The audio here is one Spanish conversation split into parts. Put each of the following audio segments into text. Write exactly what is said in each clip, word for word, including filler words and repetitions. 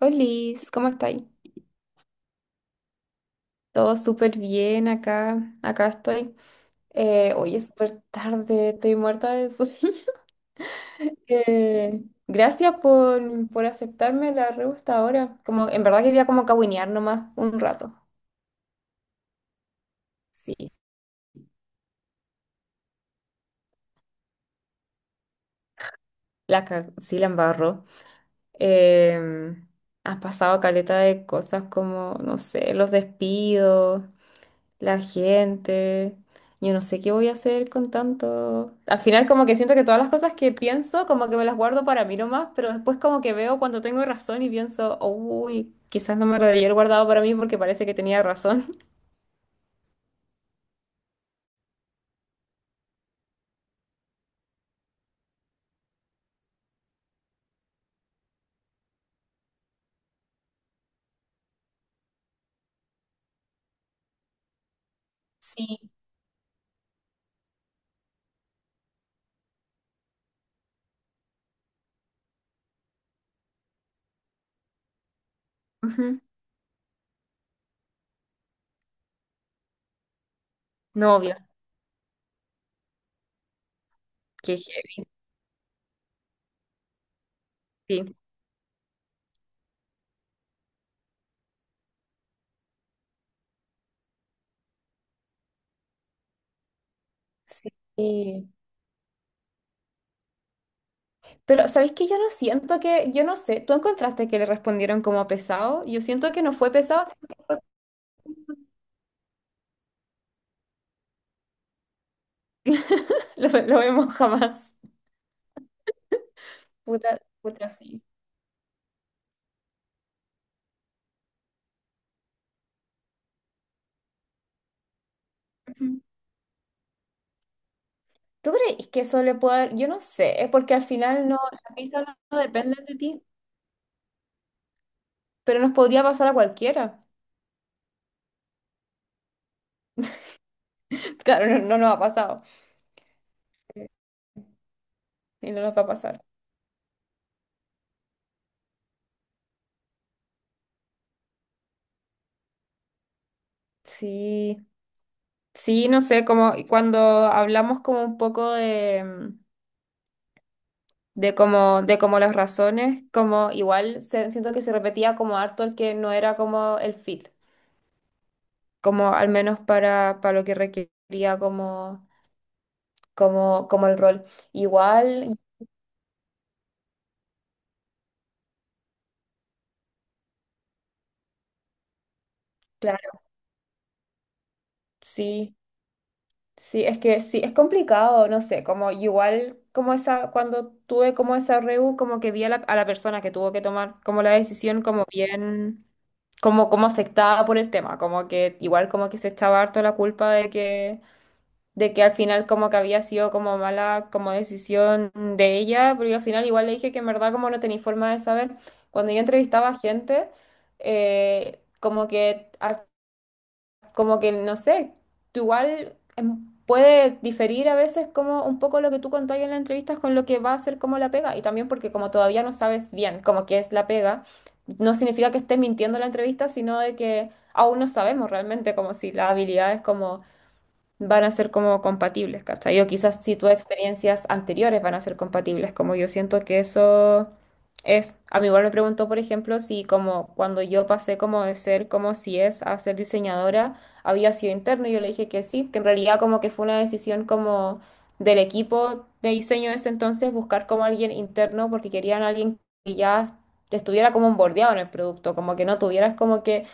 Liz, ¿cómo estáis? Todo súper bien acá, acá estoy. Eh, hoy es súper tarde, estoy muerta de sueño. Eh, gracias por, por aceptarme la re gusta ahora. Como, en verdad quería como cahuinear nomás un rato. Sí, la, ca- sí la embarró. Eh, has pasado caleta de cosas como, no sé, los despidos. La gente. Yo no sé qué voy a hacer con tanto. Al final como que siento que todas las cosas que pienso como que me las guardo para mí nomás, pero después como que veo cuando tengo razón y pienso, uy, quizás no me lo debí haber guardado para mí porque parece que tenía razón. Sí. Ujú. No, obvio, que sí. Sí. Sí. Pero, ¿sabéis que yo no siento que, yo no sé, ¿tú encontraste que le respondieron como pesado? Yo siento que no fue pesado. lo, lo vemos jamás. Puta, puta, sí. ¿Tú crees que eso le puede dar? Yo no sé, porque al final no, las visas no no dependen de ti, pero nos podría pasar a cualquiera. Claro, no, no nos ha pasado, eh, y no nos va a pasar. Sí, sí, no sé, como y cuando hablamos como un poco de, mm, de como, de como las razones, como igual se- siento que se repetía como harto el que no era como el fit, como al menos para, para lo que requería como, como, como el rol. Igual, claro, sí. Sí, es que sí, es complicado, no sé, como igual como esa, cuando tuve como esa REU, como que vi a la, a la persona que tuvo que tomar como la decisión como bien, como, como afectada por el tema, como que igual como que se echaba harto la culpa de que, de que al final como que había sido como mala como decisión de ella, pero yo al final igual le dije que en verdad como no tenía forma de saber, cuando yo entrevistaba a gente, eh, como que... al como que, no sé, tú igual em, puede diferir a veces como un poco lo que tú contáis en la entrevista con lo que va a ser como la pega. Y también porque como todavía no sabes bien como que es la pega, no significa que estés mintiendo en la entrevista, sino de que aún no sabemos realmente como si las habilidades como van a ser como compatibles, ¿cachai? O quizás si tus experiencias anteriores van a ser compatibles, como yo siento que eso es, a mí igual me preguntó, por ejemplo, si como cuando yo pasé como de ser como si es a ser diseñadora, había sido interno, y yo le dije que sí, que en realidad como que fue una decisión como del equipo de diseño de ese entonces, buscar como alguien interno porque querían a alguien que ya estuviera como bordeado en el producto, como que no tuvieras como que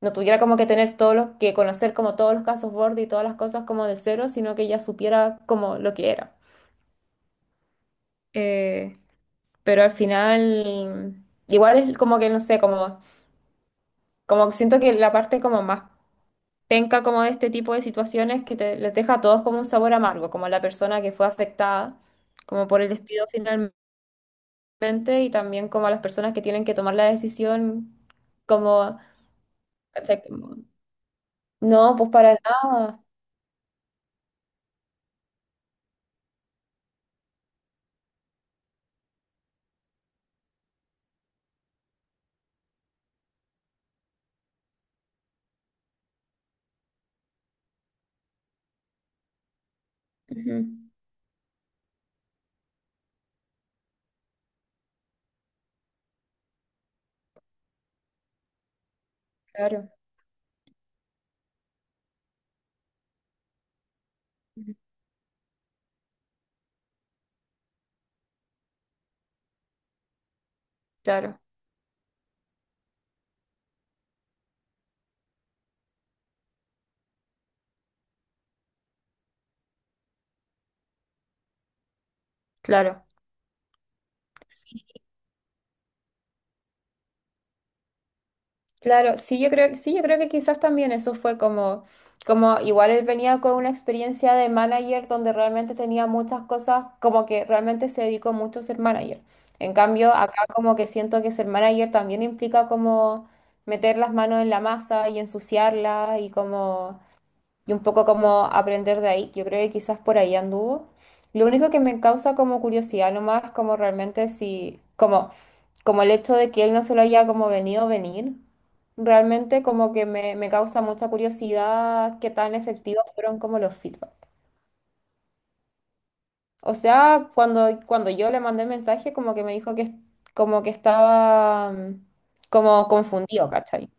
no tuviera como que tener todos los, que conocer como todos los casos borde y todas las cosas como de cero, sino que ya supiera como lo que era. Eh, pero al final, igual es como que no sé, como, como que siento que la parte como más penca como de este tipo de situaciones que te- les deja a todos como un sabor amargo, como a la persona que fue afectada como por el despido finalmente y también como a las personas que tienen que tomar la decisión como, ¿cachai? Como, no, pues para nada. Ujú. Claro. Claro. Claro. Claro, sí, yo creo, sí, yo creo que quizás también eso fue como, como igual él venía con una experiencia de manager donde realmente tenía muchas cosas, como que realmente se dedicó mucho a ser manager. En cambio, acá como que siento que ser manager también implica como meter las manos en la masa y ensuciarla y como y un poco como aprender de ahí, que yo creo que quizás por ahí anduvo. Lo único que me causa como curiosidad nomás, como realmente si, como, como el hecho de que él no se lo haya como venido a venir, realmente como que me, me causa mucha curiosidad qué tan efectivos fueron como los feedback. O sea, cuando, cuando yo le mandé el mensaje, como que me dijo que es- como que estaba mm, como confundido, ¿cachai?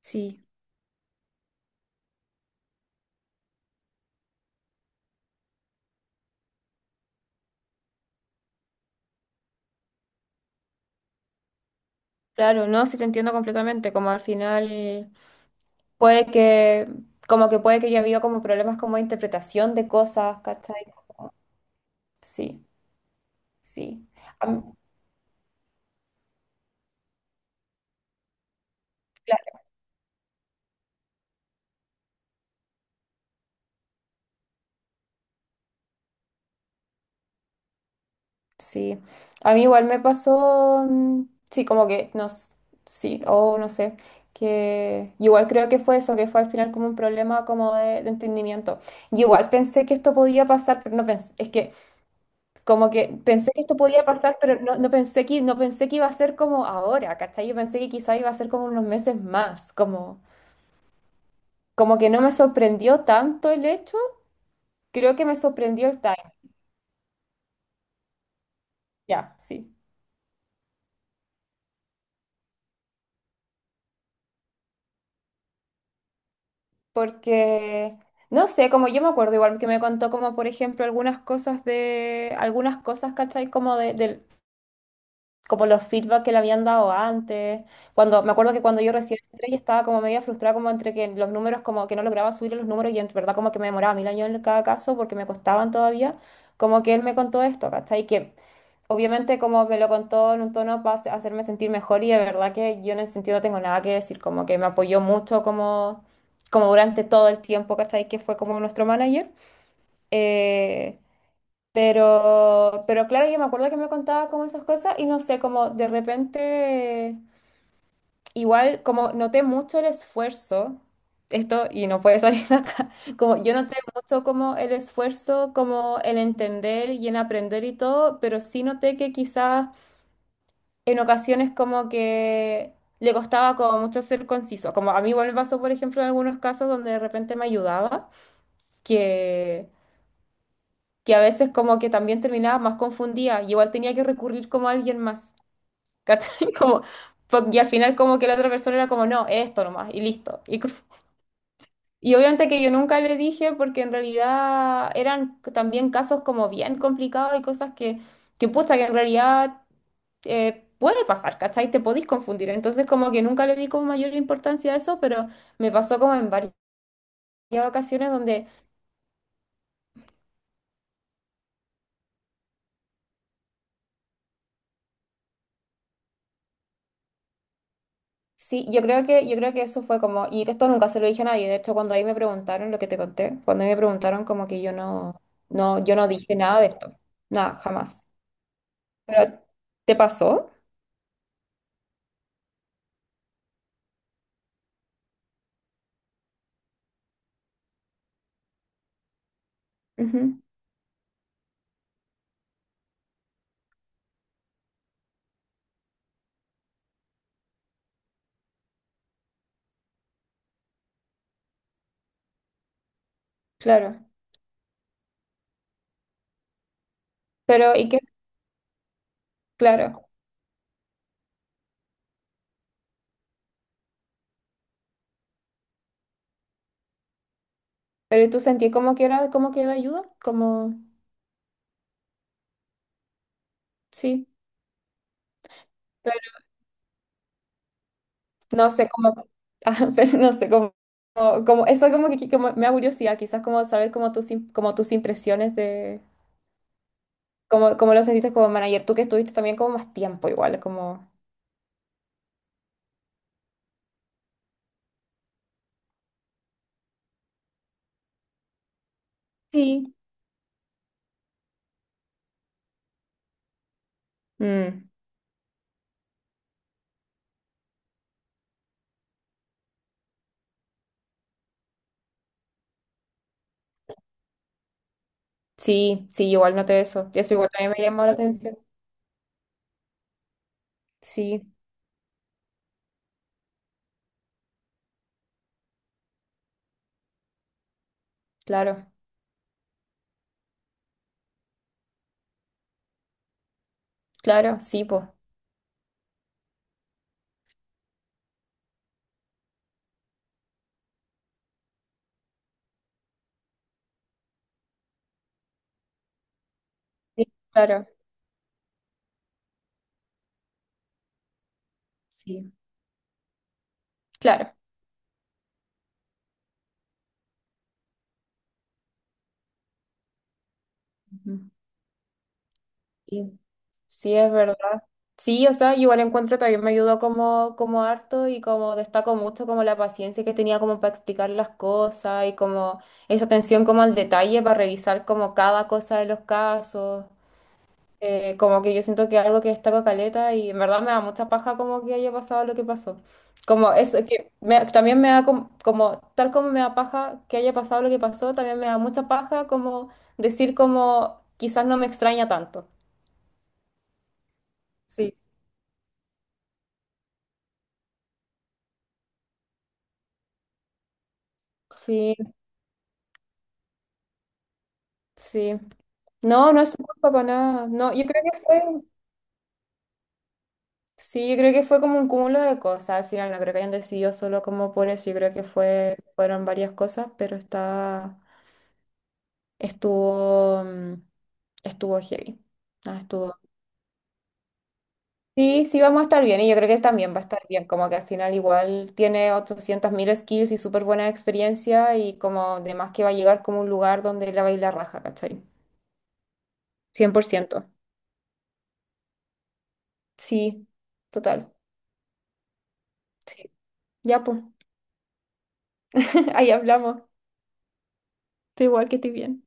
Sí. Claro, no, sí te entiendo completamente, como al final puede que, como que puede que yo había como problemas como de interpretación de cosas, ¿cachai? Como- Sí, sí. A mí- claro, sí. A mí igual me pasó, mm, sí, como que, no, s- sí, o no sé, que igual creo que fue eso, que fue al final como un problema como de, de entendimiento. Y igual pensé que esto podía pasar, pero no pensé, es que como que pensé que esto podía pasar, pero no, no pensé que, no pensé que iba a ser como ahora, ¿cachai? Yo pensé que quizá iba a ser como unos meses más, como... Como que no me sorprendió tanto el hecho, creo que me sorprendió el time, ya, sí. Porque, no sé, como yo me acuerdo igual que me contó como, por ejemplo, algunas cosas de, algunas cosas, ¿cachai? Como de, del- como los feedback que le habían dado antes. Cuando, me acuerdo que cuando yo recién entré y estaba como media frustrada como entre que los números, como que no lograba subir los números y en verdad como que me demoraba mil años en cada caso porque me costaban todavía, como que él me contó esto, ¿cachai? Que obviamente como me lo contó en un tono para hacerme sentir mejor y de verdad que yo en ese sentido no tengo nada que decir, como que me apoyó mucho como, como durante todo el tiempo, ¿cachai? Que fue como nuestro manager. Eh, pero, pero claro, yo me acuerdo que me contaba como esas cosas y no sé, como de repente, igual como noté mucho el esfuerzo, esto y no puede salir de acá, como yo noté mucho como el esfuerzo, como el entender y en aprender y todo, pero sí noté que quizás en ocasiones como que le costaba como mucho ser conciso, como a mí igual me pasó, por ejemplo, en algunos casos donde de repente me ayudaba, que... que a veces como que también terminaba más confundida y igual tenía que recurrir como a alguien más, ¿cachai? Como, po- y al final como que la otra persona era como, no, esto nomás, y listo. Y, co- y obviamente que yo nunca le dije porque en realidad eran también casos como bien complicados y cosas que, que pucha, que en realidad eh, puede pasar, ¿cachai? Te podís confundir. Entonces como que nunca le di como mayor importancia a eso, pero me pasó como en varias ocasiones donde Sí, yo creo que, yo creo que eso fue como, y esto nunca se lo dije a nadie, de hecho cuando ahí me preguntaron lo que te conté, cuando ahí me preguntaron como que yo no, no, yo no dije nada de esto, nada, jamás. Pero, ¿te pasó? Ujú, claro. Pero, ¿y qué? Claro. Pero tú sentí como que era, como que era ayuda, como, sí, pero no sé cómo, ah, pero no sé cómo, como, como- eso como que como me da curiosidad, quizás como saber como tus, im- como tus impresiones de, como, como lo sentiste como manager, tú que estuviste también como más tiempo igual, como... Sí. Mm, sí, sí, igual noté eso. Eso igual también me llamó la atención. Sí, claro, claro, sí, pues. Claro, sí, claro. Ujú. Sí, sí, es verdad. Sí, o sea, igual encuentro también me ayudó como, como harto y como destaco mucho como la paciencia que tenía como para explicar las cosas y como esa atención como al detalle para revisar como cada cosa de los casos. Eh, como que yo siento que algo que destaco caleta y en verdad me da mucha paja como que haya pasado lo que pasó. Como eso, que me- también me da com- como, tal como me da paja que haya pasado lo que pasó, también me da mucha paja como decir como quizás no me extraña tanto. Sí. Sí, sí. No, no es su culpa para nada. No, yo creo que fue, sí, yo creo que fue como un cúmulo de cosas. Al final no creo que hayan decidido solo como por eso. Yo creo que fue, fueron varias cosas, pero está. Estuvo, mm, estuvo heavy. Ah, estuvo. Sí, sí vamos a estar bien y yo creo que él también va a estar bien, como que al final igual tiene ochocientos mil skills y súper buena experiencia y como además que va a llegar como un lugar donde la baila raja, ¿cachai? Cien por ciento. Sí, total. Sí. Ya, pues, ahí hablamos. Estoy igual que estoy bien.